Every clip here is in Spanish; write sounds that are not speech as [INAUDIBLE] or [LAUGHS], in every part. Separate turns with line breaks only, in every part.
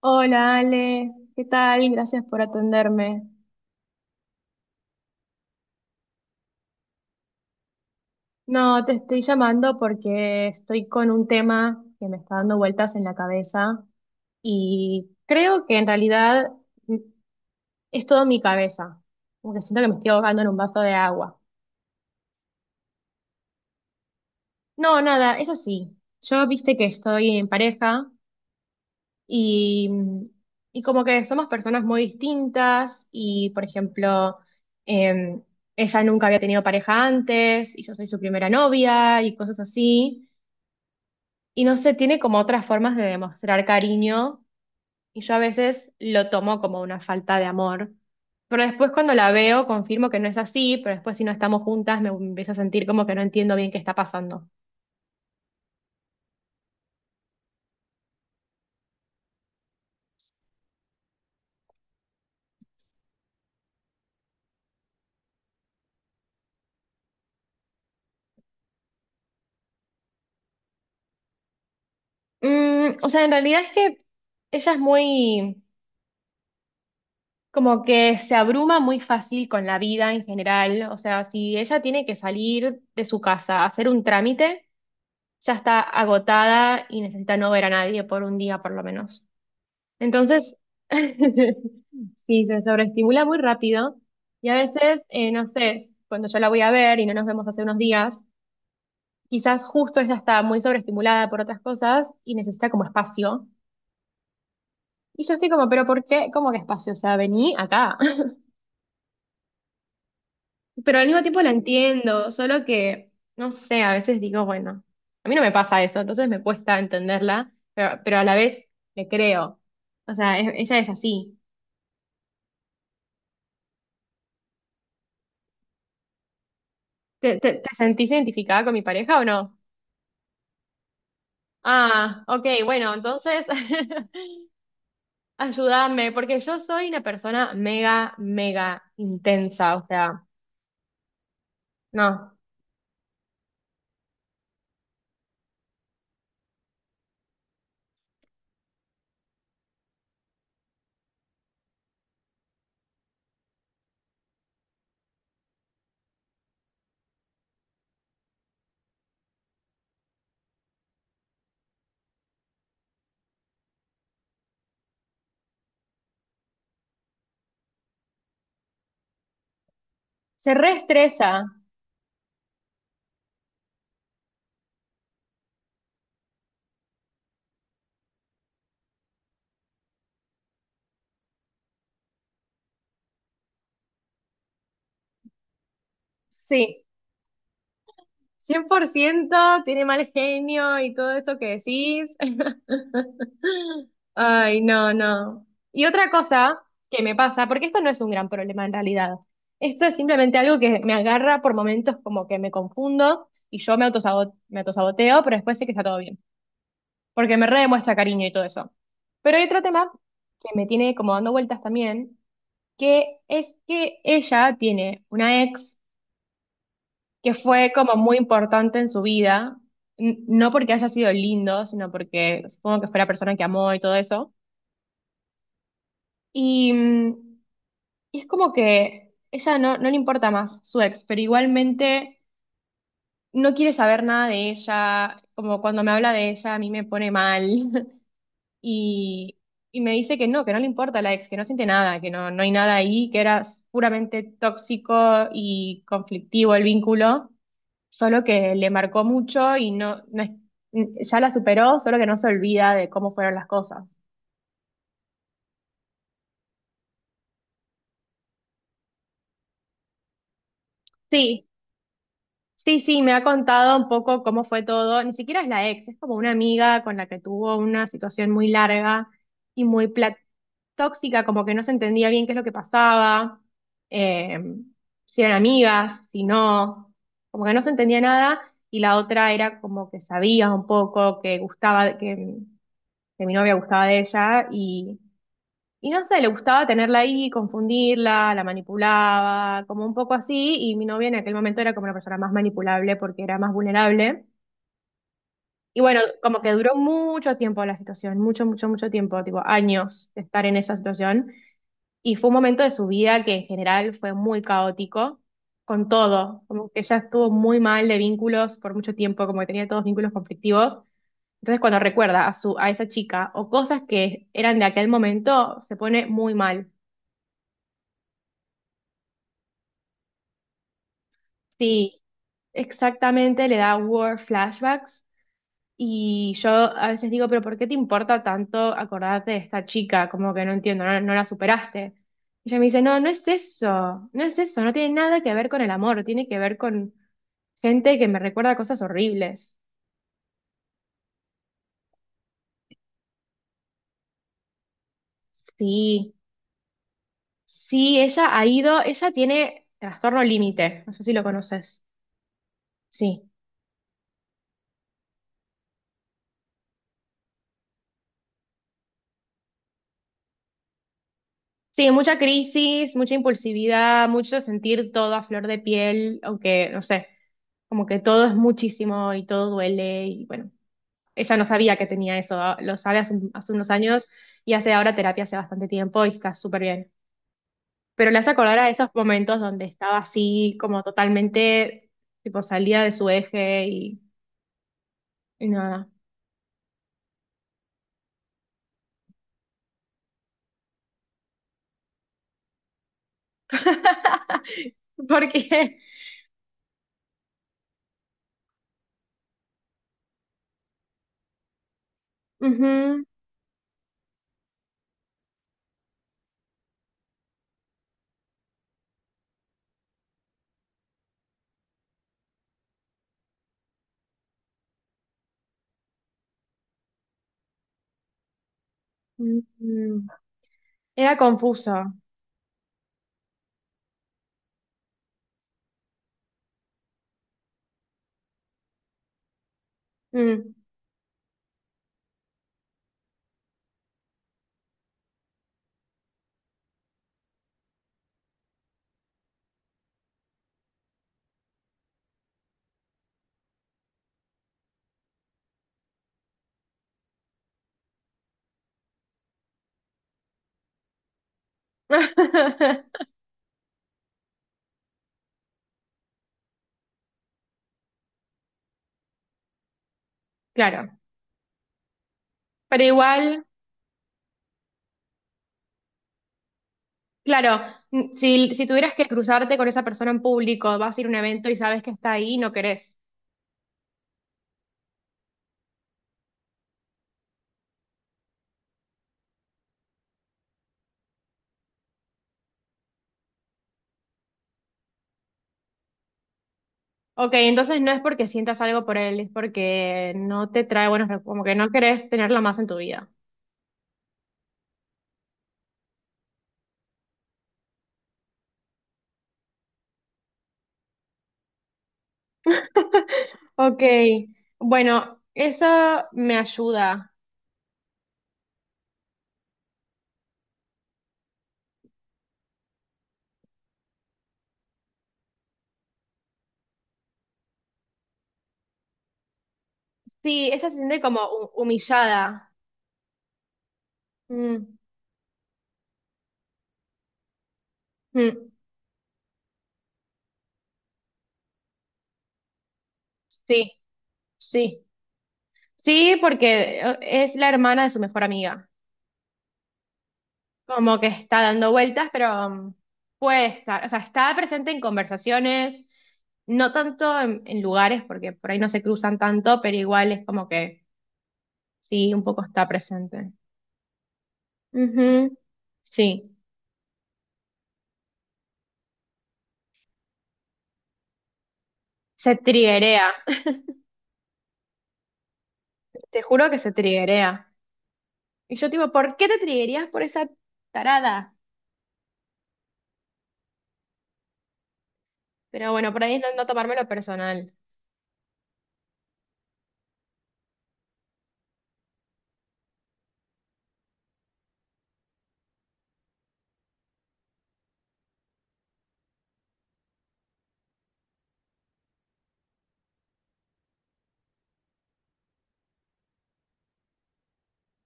Hola Ale, ¿qué tal? Gracias por atenderme. No, te estoy llamando porque estoy con un tema que me está dando vueltas en la cabeza y creo que en realidad, mm, es todo mi cabeza, porque siento que me estoy ahogando en un vaso de agua. No, nada, es así. Yo viste que estoy en pareja. Y, y como que somos personas muy distintas y, por ejemplo, eh, ella nunca había tenido pareja antes y yo soy su primera novia y cosas así. Y no sé, tiene como otras formas de demostrar cariño y yo a veces lo tomo como una falta de amor. Pero después cuando la veo confirmo que no es así, pero después si no estamos juntas me empiezo a sentir como que no entiendo bien qué está pasando. O sea, en realidad es que ella es muy... Como que se abruma muy fácil con la vida en general. O sea, si ella tiene que salir de su casa a hacer un trámite, ya está agotada y necesita no ver a nadie por un día por lo menos. Entonces, [LAUGHS] sí, se sobreestimula muy rápido. Y a veces, no sé, cuando yo la voy a ver y no nos vemos hace unos días, quizás justo ella está muy sobreestimulada por otras cosas y necesita como espacio. Y yo estoy como, pero ¿por qué? ¿Cómo que espacio? O sea, vení acá. [LAUGHS] Pero al mismo tiempo la entiendo, solo que, no sé, a veces digo, bueno, a mí no me pasa eso, entonces me cuesta entenderla, pero a la vez le creo. O sea, ella es así. ¿Te sentís identificada con mi pareja o no? Ah, ok, bueno, entonces [LAUGHS] ayúdame, porque yo soy una persona mega, mega intensa, o sea, no, se reestresa, sí. 100% tiene mal genio y todo eso que decís. [LAUGHS] Ay, no, no. Y otra cosa que me pasa, porque esto no es un gran problema en realidad. Esto es simplemente algo que me agarra por momentos como que me confundo y yo me autosaboteo, pero después sé que está todo bien, porque me redemuestra cariño y todo eso. Pero hay otro tema que me tiene como dando vueltas también, que es que ella tiene una ex que fue como muy importante en su vida, no porque haya sido lindo, sino porque supongo que fue la persona que amó y todo eso. Y, mm, y es como que ella no le importa más su ex, pero igualmente no quiere saber nada de ella, como cuando me habla de ella a mí me pone mal. [LAUGHS] y, y me dice que no le importa la ex, que no siente nada, que no hay nada ahí, que era puramente tóxico y conflictivo el vínculo. Solo que le marcó mucho y no, ya la superó, solo que no se olvida de cómo fueron las cosas. Sí, sí, sí, me ha contado un poco cómo fue todo, ni siquiera es la ex, es como una amiga con la que tuvo una situación muy larga y muy tóxica, como que no se entendía bien qué es lo que pasaba, eh, si eran amigas, si no, como que no se entendía nada. Y la otra era como que sabía un poco que gustaba, que mi novia gustaba de ella. Y no sé, le gustaba tenerla ahí, confundirla, la manipulaba, como un poco así, y mi novia en aquel momento era como la persona más manipulable porque era más vulnerable. Y bueno, como que duró mucho tiempo la situación, mucho, mucho, mucho tiempo, tipo años de estar en esa situación. Y fue un momento de su vida que en general fue muy caótico con todo, como que ella estuvo muy mal de vínculos por mucho tiempo, como que tenía todos vínculos conflictivos. Entonces cuando recuerda a esa chica o cosas que eran de aquel momento, se pone muy mal. Sí, exactamente, le da war flashbacks y yo a veces digo, pero ¿por qué te importa tanto acordarte de esta chica? Como que no entiendo, no la superaste. Y ella me dice, no, no es eso, no es eso, no tiene nada que ver con el amor, tiene que ver con gente que me recuerda cosas horribles. Sí, sí, ella ha ido, ella tiene trastorno límite, no sé si lo conoces. Sí. Sí, mucha crisis, mucha impulsividad, mucho sentir todo a flor de piel, aunque, no sé. Como que todo es muchísimo y todo duele y bueno, ella no sabía que tenía eso, lo sabe hace unos años y hace ahora terapia hace bastante tiempo y está súper bien. Pero le hace acordar a esos momentos donde estaba así como totalmente, tipo salía de su eje y nada. [LAUGHS] Porque ujú, mm, era confuso. Mm. [LAUGHS] Claro, pero igual... Claro, si tuvieras que cruzarte con esa persona en público, vas a ir a un evento y sabes que está ahí y no querés. Ok, entonces no es porque sientas algo por él, es porque no te trae buenos recuerdos, como que no querés tenerlo más en tu vida. Ok, bueno, eso me ayuda. Sí, ella se siente como humillada. Mm, mm, sí, sí. Sí, porque es la hermana de su mejor amiga. Como que está dando vueltas, pero puede estar, o sea, está presente en conversaciones, no tanto en lugares, porque por ahí no se cruzan tanto, pero igual es como que sí, un poco está presente. Ujú, sí, se triguea, [LAUGHS] te juro que se triguea. Y yo tipo, ¿por qué te triguerías por esa tarada? Pero bueno, por ahí es no, tomármelo personal.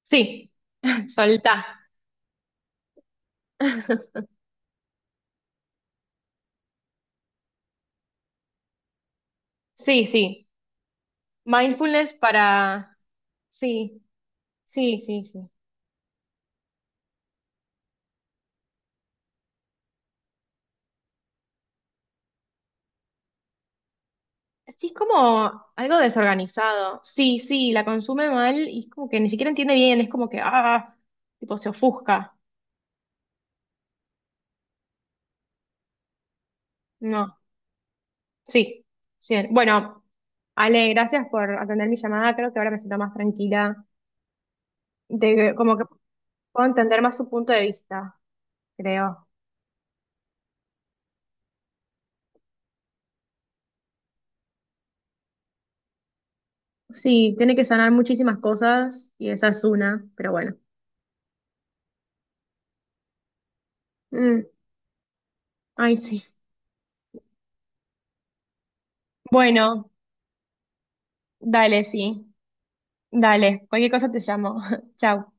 Sí, [LAUGHS] soltá. [LAUGHS] Sí, sí. Mindfulness para... Sí, sí, sí, sí. Sí, es como algo desorganizado. Sí, sí, la consume mal y es como que ni siquiera entiende bien, es como que, tipo se ofusca. No, sí, sí. Bueno, Ale, gracias por atender mi llamada, creo que ahora me siento más tranquila, como que puedo entender más su punto de vista, creo. Sí, tiene que sanar muchísimas cosas y esa es una, pero bueno. Mm, ay, sí. Bueno, dale, sí, dale, cualquier cosa te llamo. [LAUGHS] Chao.